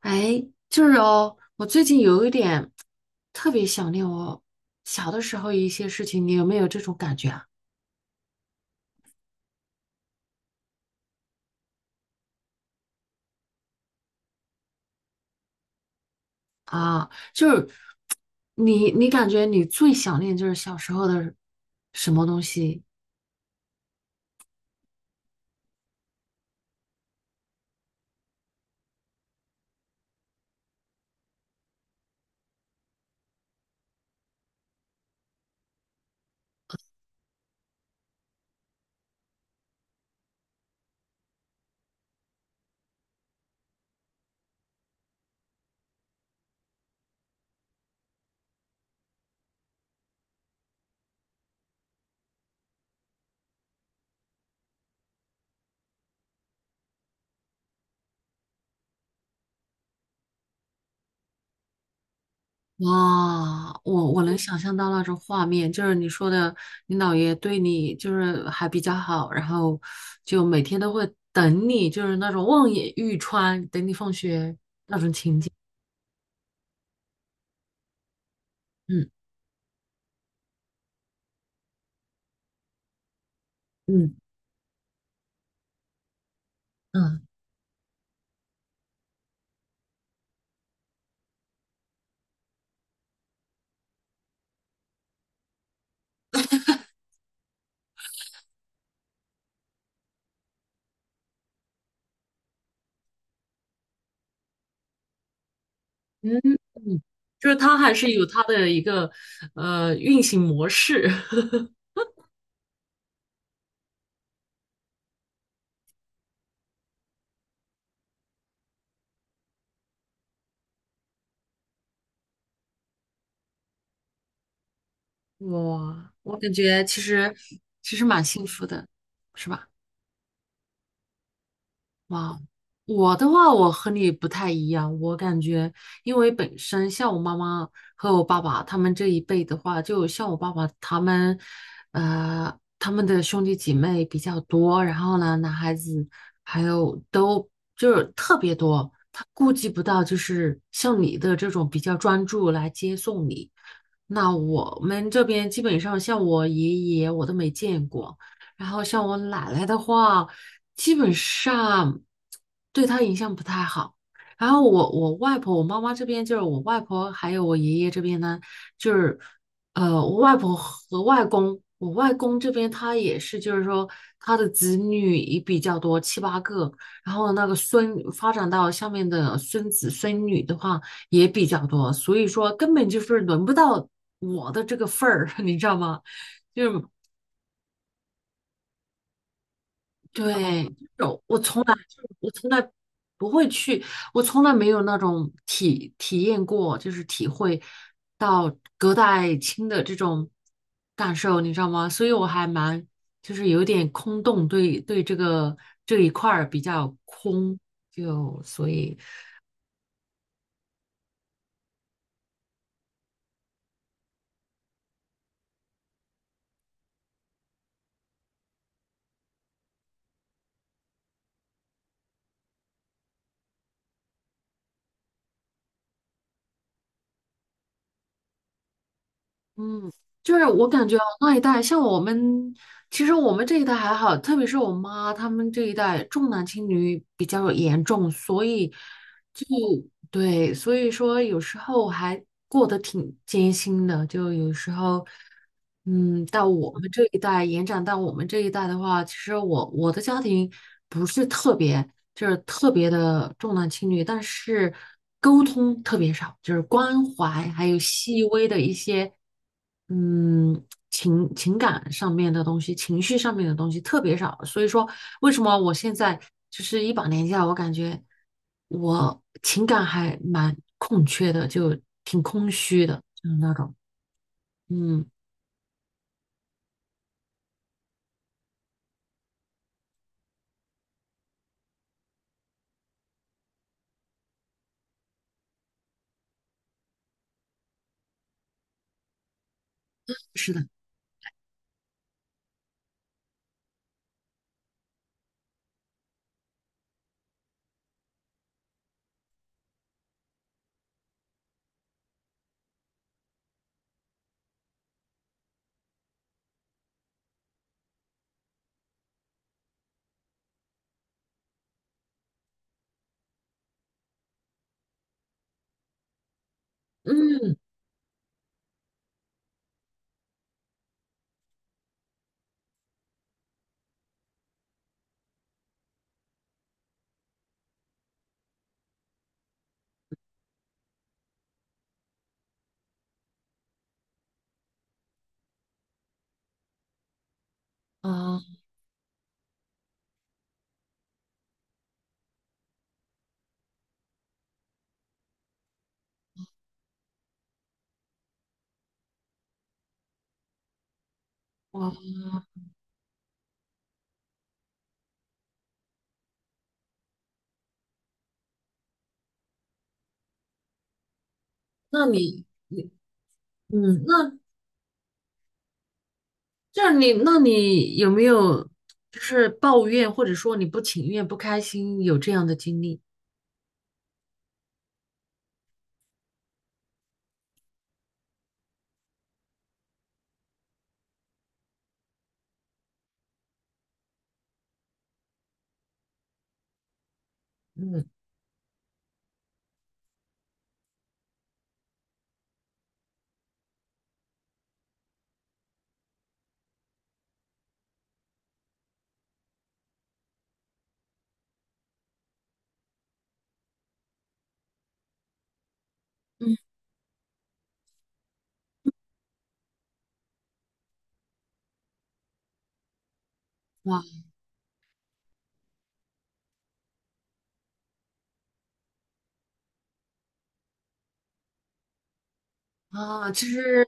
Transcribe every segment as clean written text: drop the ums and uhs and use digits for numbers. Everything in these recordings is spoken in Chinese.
哎，我最近有一点特别想念我小的时候一些事情，你有没有这种感觉啊？啊，你感觉你最想念就是小时候的什么东西？哇，我能想象到那种画面，就是你说的，你姥爷对你就是还比较好，然后就每天都会等你，就是那种望眼欲穿，等你放学。嗯嗯嗯。嗯，就是它还是有它的一个运行模式。哇，我感觉其实蛮幸福的，是吧？哇，我的话，我和你不太一样。我感觉，因为本身像我妈妈和我爸爸他们这一辈的话，就像我爸爸他们，他们的兄弟姐妹比较多，然后呢，男孩子还有都就是特别多。他顾及不到，就是像你的这种比较专注来接送你。那我们这边基本上像我爷爷，我都没见过。然后像我奶奶的话，基本上对她影响不太好。然后我外婆，我妈妈这边就是我外婆，还有我爷爷这边呢，就是我外婆和外公，我外公这边他也是，就是说他的子女也比较多，七八个。然后那个孙发展到下面的孙子孙女的话也比较多，所以说根本就是轮不到我的这个份儿，你知道吗？就是对，有，我从来不会去，我从来没有那种体验过，就是体会到隔代亲的这种感受，你知道吗？所以我还蛮就是有点空洞，对这个这一块儿比较空，就所以嗯，就是我感觉那一代像我们，其实我们这一代还好，特别是我妈他们这一代重男轻女比较严重，所以就。对，所以说有时候我还过得挺艰辛的，就有时候，嗯，到我们这一代，延展到我们这一代的话，其实我的家庭不是特别，就是特别的重男轻女，但是沟通特别少，就是关怀还有细微的一些，嗯。情感上面的东西、情绪上面的东西特别少，所以说为什么我现在就是一把年纪了，我感觉我情感还蛮空缺的，就挺空虚的，就是那种，嗯，是的，嗯啊，哇，那嗯，那这是你，那你有没有就是抱怨或者说你不情愿、不开心有这样的经历？嗯嗯，哇啊，其实。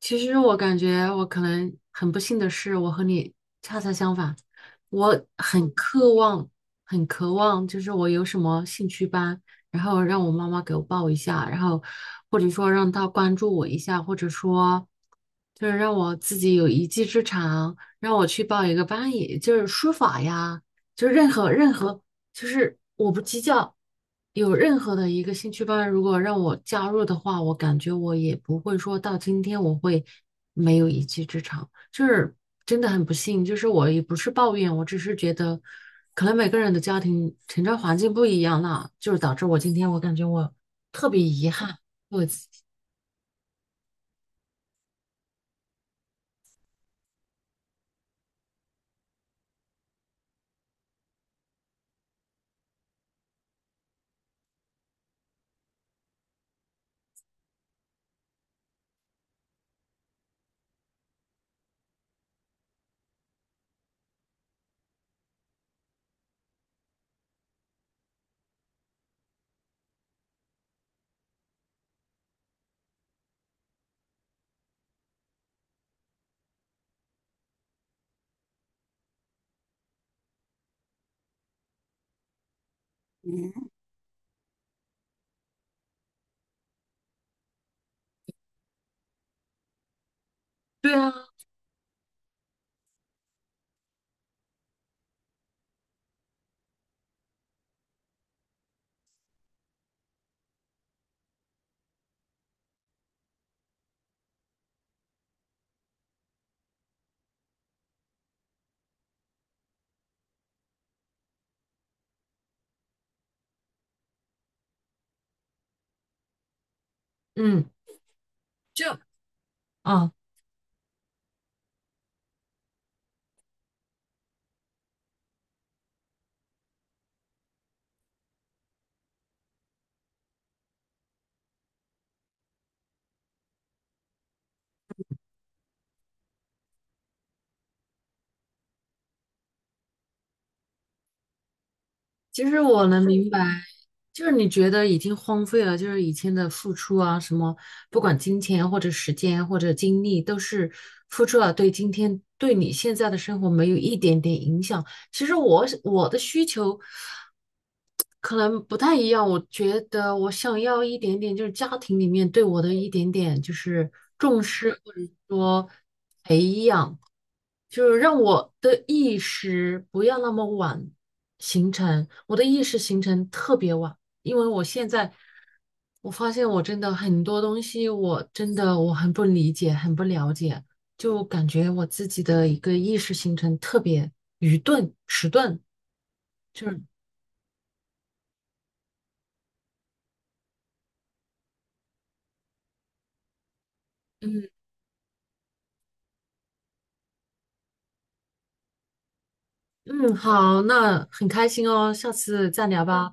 其实我感觉我可能很不幸的是，我和你恰恰相反，我很渴望，很渴望，就是我有什么兴趣班，然后让我妈妈给我报一下，然后或者说让她关注我一下，或者说就是让我自己有一技之长，让我去报一个班，也就是书法呀，就是任何就是我不计较有任何的一个兴趣班，如果让我加入的话，我感觉我也不会说到今天我会没有一技之长，就是真的很不幸，就是我也不是抱怨，我只是觉得可能每个人的家庭成长环境不一样啦，就是导致我今天我感觉我特别遗憾。对啊，嗯，就啊。其实我能明白，就是你觉得已经荒废了，就是以前的付出啊，什么不管金钱或者时间或者精力，都是付出了，对今天对你现在的生活没有一点点影响。其实我是我的需求可能不太一样，我觉得我想要一点点，就是家庭里面对我的一点点就是重视，或者说培养。就是让我的意识不要那么晚形成，我的意识形成特别晚，因为我现在我发现我真的很多东西，我真的很不理解，很不了解，就感觉我自己的一个意识形成特别愚钝、迟钝，就是嗯嗯，好，那很开心哦，下次再聊吧。